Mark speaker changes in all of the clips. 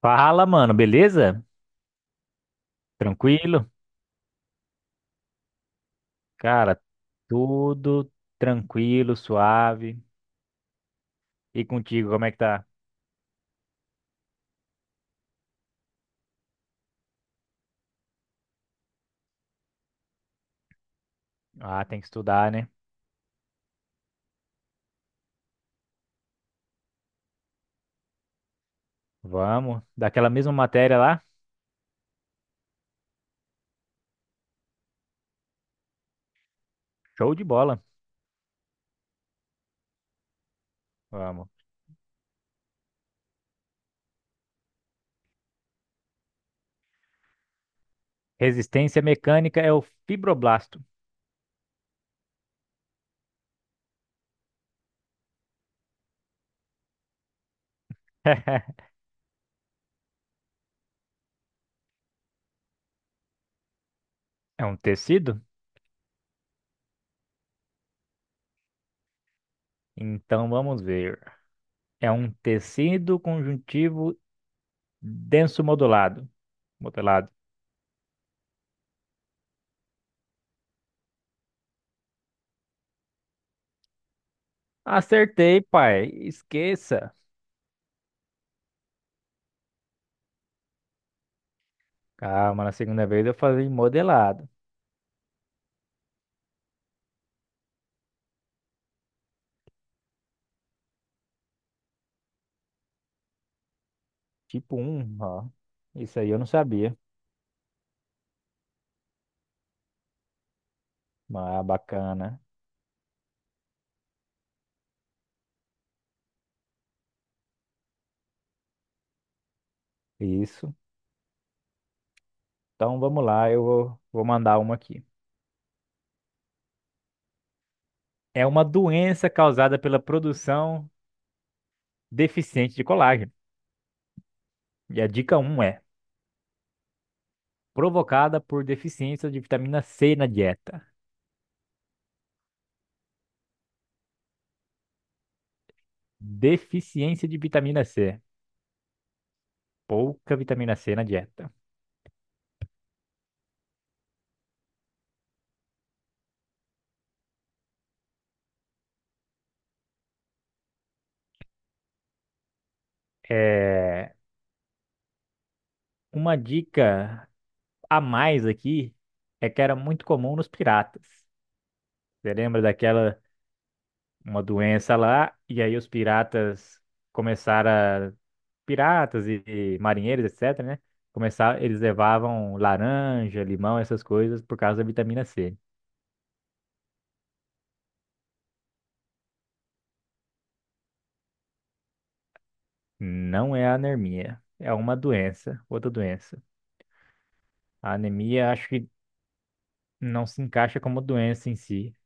Speaker 1: Fala, mano, beleza? Tranquilo? Cara, tudo tranquilo, suave. E contigo, como é que tá? Ah, tem que estudar, né? Vamos. Daquela mesma matéria lá? Show de bola. Vamos. Resistência mecânica é o fibroblasto. É um tecido? Então vamos ver. É um tecido conjuntivo denso modulado. Modelado. Acertei, pai. Esqueça. Calma, na segunda vez eu falei modelado. Tipo um, ó. Isso aí eu não sabia. Ah, bacana. Isso. Então vamos lá, eu vou mandar uma aqui. É uma doença causada pela produção deficiente de colágeno. E a dica um é: provocada por deficiência de vitamina C na dieta. Deficiência de vitamina C. Pouca vitamina C na dieta. É uma dica. A mais aqui é que era muito comum nos piratas. Você lembra daquela uma doença lá e aí os piratas começaram a, piratas e marinheiros, etc, né? Começaram, eles levavam laranja, limão, essas coisas por causa da vitamina C. Não é anemia, é uma doença, outra doença. A anemia acho que não se encaixa como doença em si.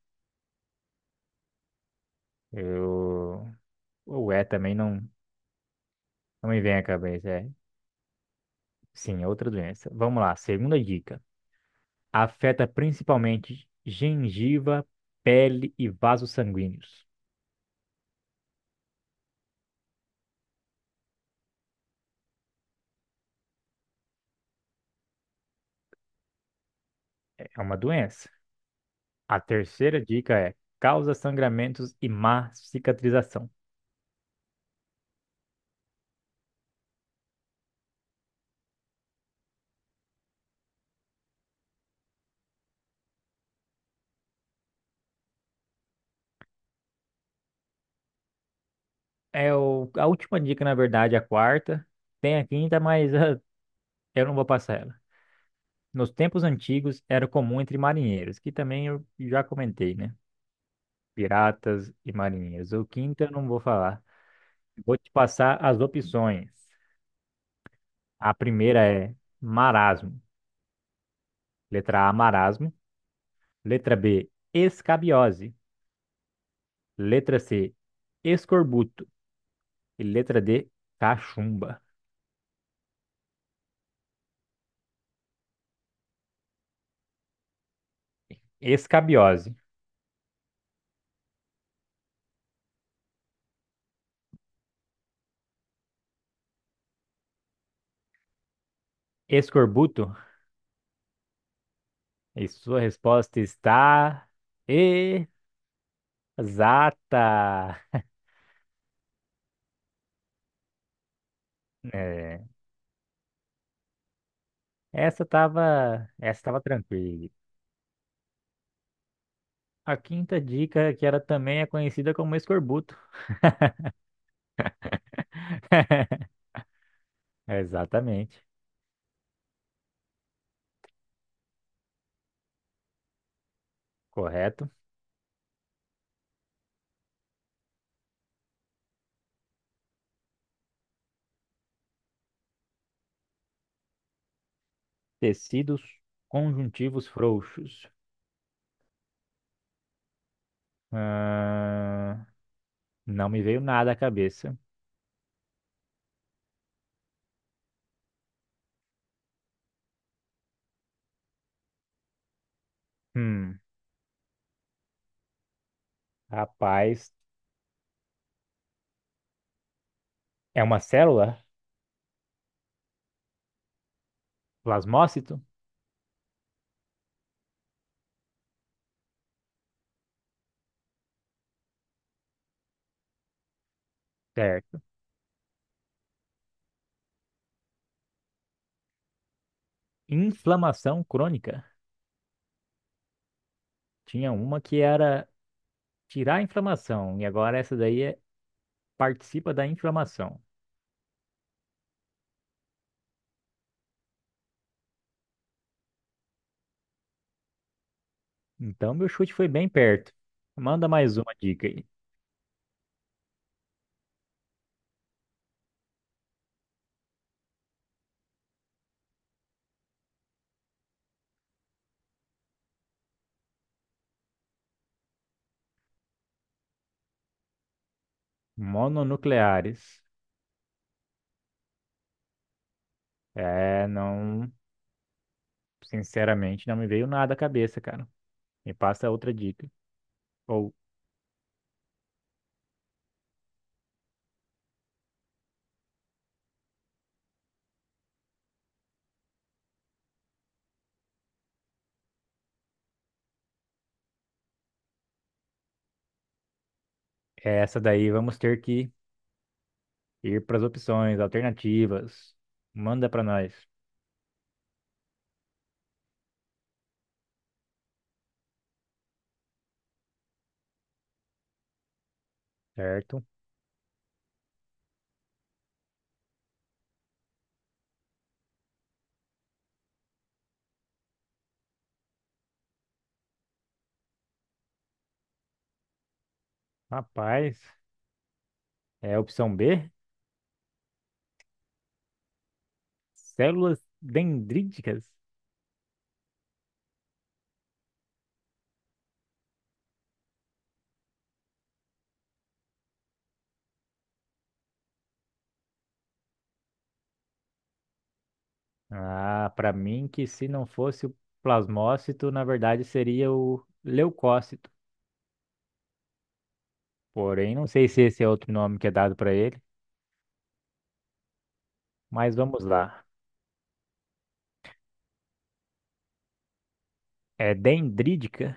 Speaker 1: Eu ou é também não me vem à cabeça, é. Sim, é outra doença. Vamos lá, segunda dica. Afeta principalmente gengiva, pele e vasos sanguíneos. É uma doença. A terceira dica é causa sangramentos e má cicatrização. A última dica, na verdade, a quarta. Tem a quinta, mas ah, eu não vou passar ela. Nos tempos antigos era comum entre marinheiros, que também eu já comentei, né? Piratas e marinheiros. O quinto eu não vou falar. Vou te passar as opções. A primeira é marasmo. Letra A, marasmo. Letra B, escabiose. Letra C, escorbuto. E letra D, cachumba. Escabiose. Escorbuto. E sua resposta está exata. É, essa tava tranquila. A quinta dica, que ela também é conhecida como escorbuto. Exatamente. Correto. Tecidos conjuntivos frouxos. Ah, não me veio nada à cabeça. Hum. Rapaz, é uma célula? Plasmócito? Certo. Inflamação crônica. Tinha uma que era tirar a inflamação, e agora essa daí é, participa da inflamação. Então, meu chute foi bem perto. Manda mais uma dica aí. Mononucleares. É, não. Sinceramente, não me veio nada à cabeça, cara. Me passa outra dica. Ou essa daí vamos ter que ir para as opções alternativas. Manda para nós, certo? Rapaz. É a opção B? Células dendríticas? Ah, para mim que se não fosse o plasmócito, na verdade seria o leucócito. Porém, não sei se esse é outro nome que é dado para ele, mas vamos lá. É dendrítica?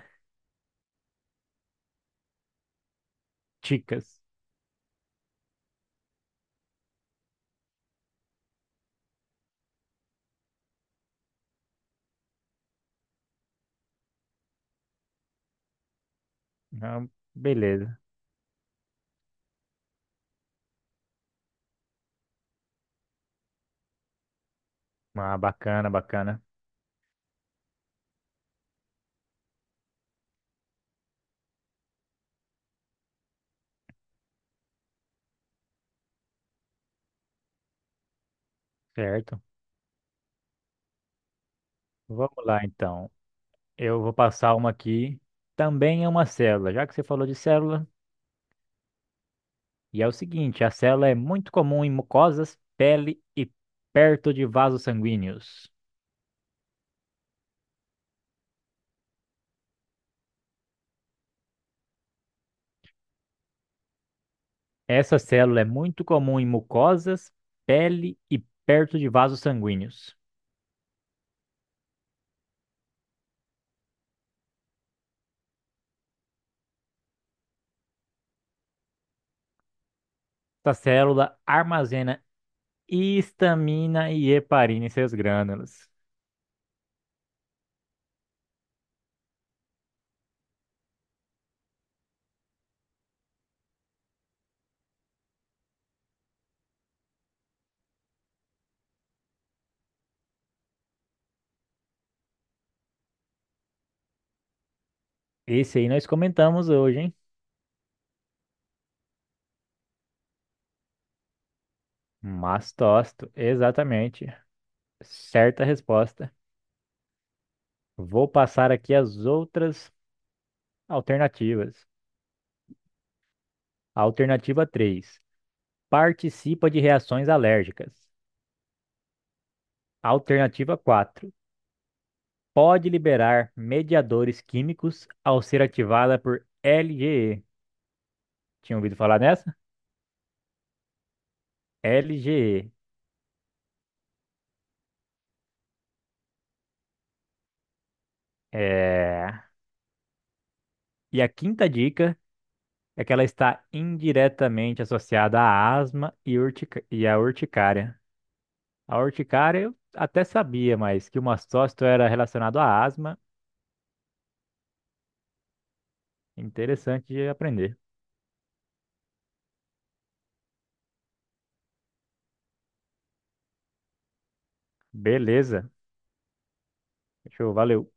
Speaker 1: Ticas. Ah, beleza. Ah, bacana, bacana. Certo. Vamos lá então. Eu vou passar uma aqui. Também é uma célula. Já que você falou de célula, e é o seguinte, a célula é muito comum em mucosas, pele e perto de vasos sanguíneos. Essa célula é muito comum em mucosas, pele e perto de vasos sanguíneos. Essa célula armazena histamina e heparina em seus grânulos. Esse aí nós comentamos hoje, hein? Mastócito, exatamente. Certa resposta. Vou passar aqui as outras alternativas. Alternativa 3: participa de reações alérgicas. Alternativa quatro, pode liberar mediadores químicos ao ser ativada por LGE. Tinha ouvido falar nessa? LGE. É... E a quinta dica é que ela está indiretamente associada à asma e à urticária. A urticária eu até sabia, mas que o mastócito era relacionado à asma. Interessante de aprender. Beleza. Show, valeu.